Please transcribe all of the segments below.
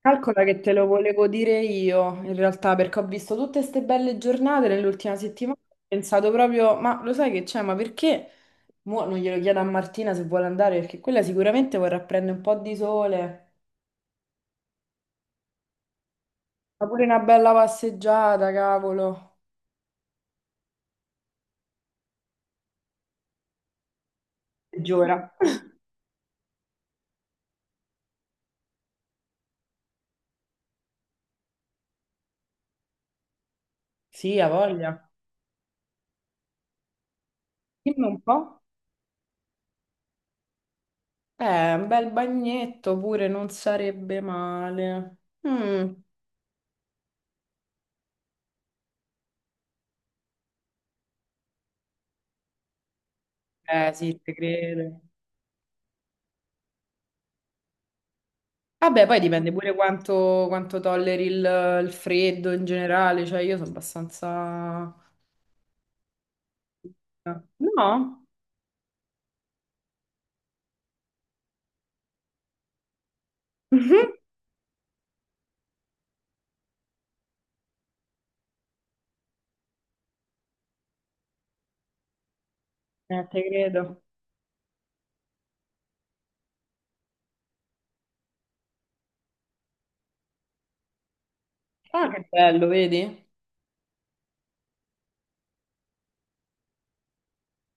Calcola che te lo volevo dire io, in realtà, perché ho visto tutte queste belle giornate nell'ultima settimana. Ho pensato proprio, ma lo sai che c'è, ma perché? Mo non glielo chiedo a Martina se vuole andare, perché quella sicuramente vorrà prendere un po' di sole. Ma pure una bella passeggiata, cavolo. Peggiora. Sì, ha voglia. Dimmi un po'. Un bel bagnetto pure non sarebbe male. Mm. Eh sì, te credo. Vabbè, poi dipende pure quanto tolleri il freddo in generale, cioè io sono abbastanza... No? Mhm. Te credo. Ah, che bello, vedi?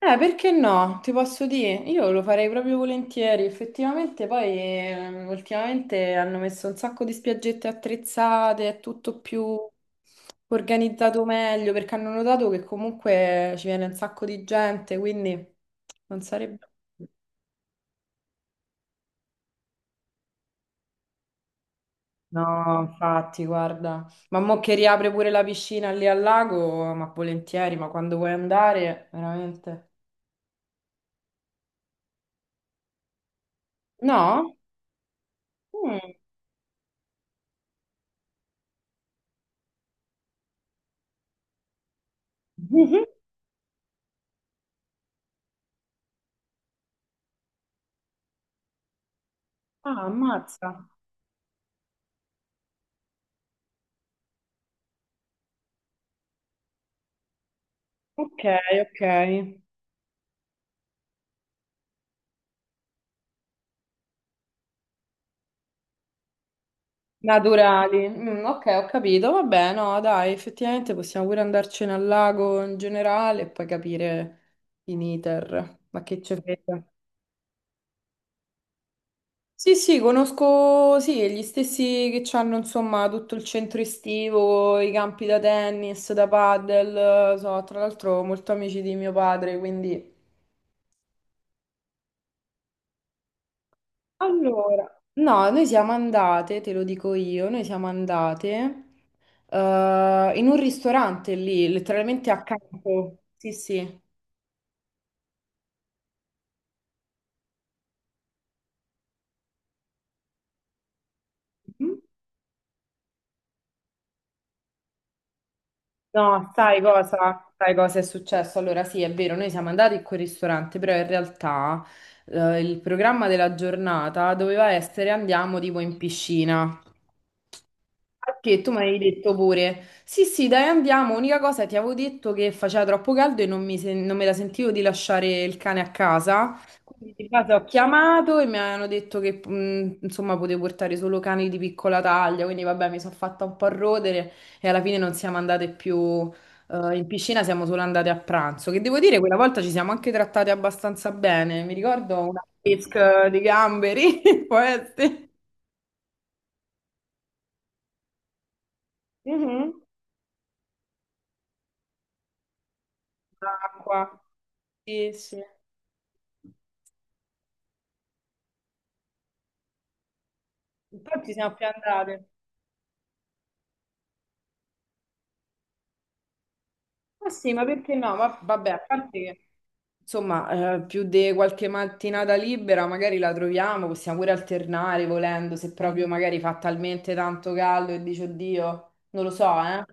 Perché no? Ti posso dire, io lo farei proprio volentieri. Effettivamente poi ultimamente hanno messo un sacco di spiaggette attrezzate, è tutto più organizzato meglio, perché hanno notato che comunque ci viene un sacco di gente, quindi non sarebbe... No, infatti, guarda, ma mo che riapre pure la piscina lì al lago, ma volentieri, ma quando vuoi andare, veramente. No? Mm. Mhm. Ah, ammazza. Ok, ok. Naturali. Mm, ok, ho capito. Vabbè, no, dai, effettivamente possiamo pure andarcene al lago in generale e poi capire in iter. Ma che c'è frega? Sì, sì, conosco sì, gli stessi che hanno insomma tutto il centro estivo, i campi da tennis, da padel, so, tra l'altro molto amici di mio padre, quindi... Allora, no, noi siamo andate, te lo dico io, noi siamo andate in un ristorante lì, letteralmente accanto. Sì, sì. No, sai cosa? Sai cosa è successo? Allora, sì, è vero, noi siamo andati in quel ristorante, però in realtà il programma della giornata doveva essere andiamo tipo in piscina. Che tu mi hai detto pure, sì, sì, dai, andiamo. Unica cosa, ti avevo detto che faceva troppo caldo e non non me la sentivo di lasciare il cane a casa. Quindi di base ho chiamato e mi hanno detto che insomma potevo portare solo cani di piccola taglia. Quindi vabbè, mi sono fatta un po' rodere e alla fine non siamo andate più in piscina, siamo solo andate a pranzo. Che devo dire, quella volta ci siamo anche trattate abbastanza bene. Mi ricordo una pesca di gamberi, può essere. Mhm. Acqua. Sì, sì. Poi ci siamo più andate. Ma sì, ma perché no? Ma vabbè, a parte che insomma, più di qualche mattinata libera magari la troviamo, possiamo pure alternare volendo, se proprio magari fa talmente tanto caldo e dici oddio, non lo so, eh.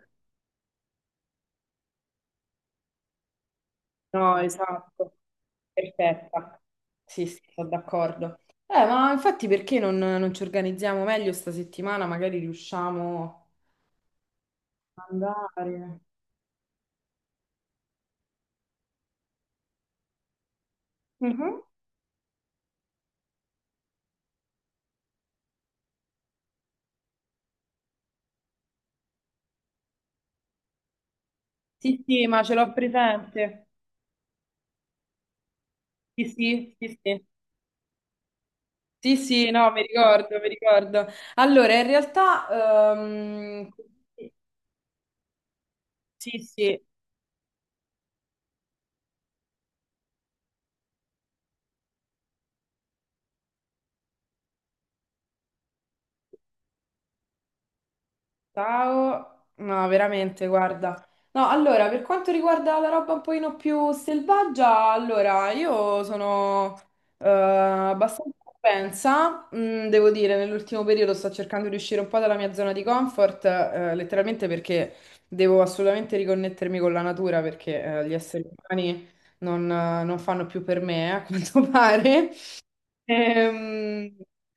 No, esatto. Perfetta. Sì, sì, sono d'accordo. Ma infatti perché non ci organizziamo meglio sta settimana? Magari riusciamo ad andare. Mhm. Sì, sì, ma ce l'ho presente. Sì, sì, sì, sì. Sì, sì, no, mi ricordo, mi ricordo. Allora, in realtà, ehm, sì, sì, ciao, no, veramente, guarda. No, allora, per quanto riguarda la roba un pochino più selvaggia, allora, io sono abbastanza propensa, mm, devo dire, nell'ultimo periodo sto cercando di uscire un po' dalla mia zona di comfort, letteralmente perché devo assolutamente riconnettermi con la natura, perché gli esseri umani non fanno più per me, a quanto pare. Ehm,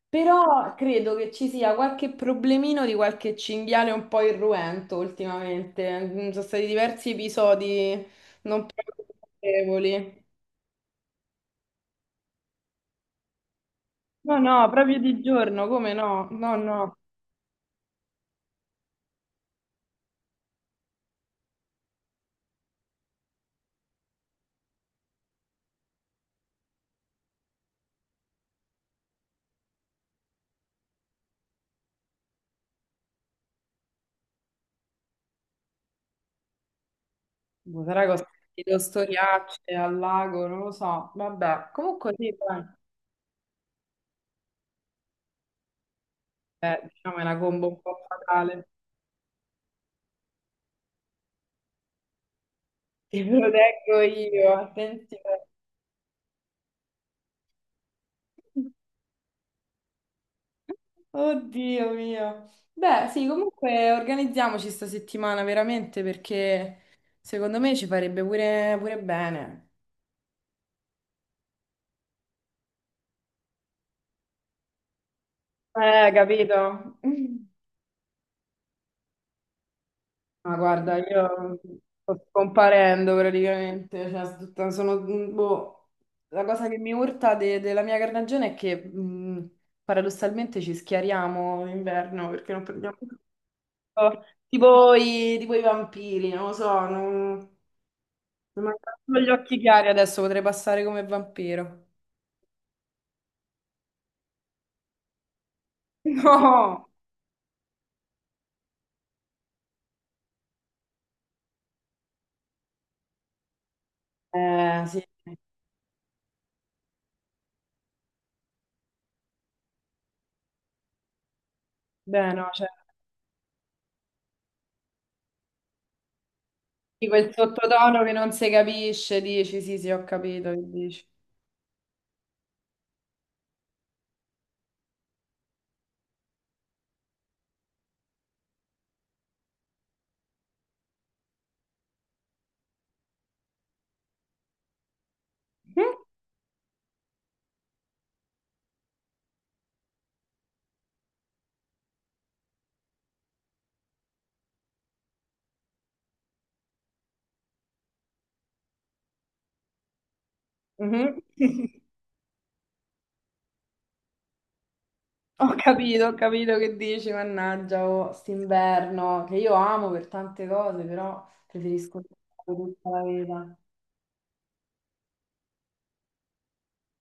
Però credo che ci sia qualche problemino di qualche cinghiale un po' irruento ultimamente. Mm, sono stati diversi episodi non proprio piacevoli. No, no, proprio di giorno, come no? No, no. Boh, sarà che ho sentito storiacce al lago, non lo so. Vabbè, comunque sì, dai. Diciamo è una combo un po' fatale. Ti proteggo io, attenzione. Oddio mio. Beh, sì, comunque organizziamoci sta settimana veramente perché secondo me ci farebbe pure, pure bene. Capito? Ma guarda, io sto scomparendo praticamente, cioè, sono, mm, boh, la cosa che mi urta della mia carnagione è che paradossalmente ci schiariamo in inverno perché non prendiamo tipo i vampiri, non lo so, non... Mi mancano solo gli occhi chiari adesso, potrei passare come vampiro. No, eh, sì. Beh, no, cioè, di quel sottotono che non si capisce, dici, sì, sì, ho capito che dici. Mhm. Ho capito che dici, mannaggia, oh, st'inverno, che io amo per tante cose, però preferisco tutta la vita.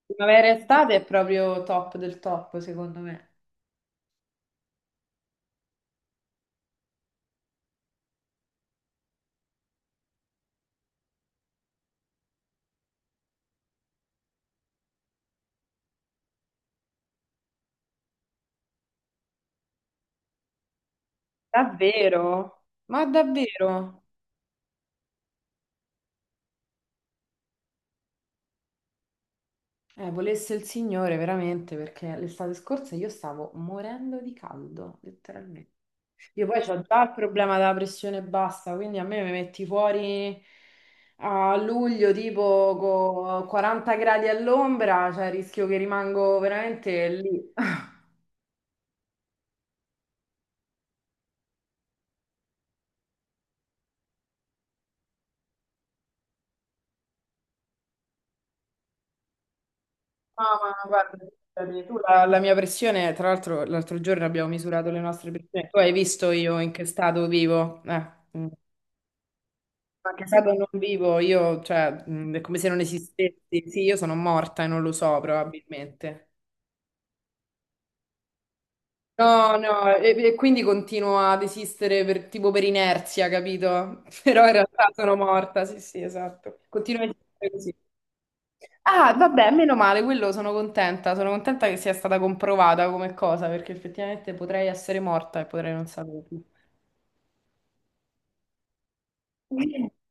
Primavera e estate è proprio top del top, secondo me. Davvero? Ma davvero? Volesse il Signore veramente perché l'estate scorsa io stavo morendo di caldo, letteralmente. Io poi ho già il problema della pressione bassa, quindi a me mi metti fuori a luglio tipo con 40 gradi all'ombra, cioè rischio che rimango veramente lì. Mamma, guarda, scusami, tu la mia pressione, tra l'altro l'altro giorno abbiamo misurato le nostre pressioni, tu hai visto io in che stato vivo? Mm. Anche Sado non vivo, io, cioè, è come se non esistessi. Sì, io sono morta e non lo so, probabilmente. No, no, e quindi continuo ad esistere tipo per inerzia, capito? Però in realtà sono morta, sì, sì, esatto. Continuo a esistere così. Ah, vabbè, meno male, quello sono contenta. Sono contenta che sia stata comprovata come cosa, perché effettivamente potrei essere morta e potrei non saperlo.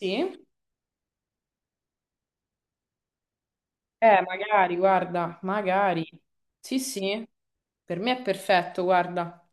Sì? Magari, guarda, magari. Sì, sì, per me è perfetto, guarda.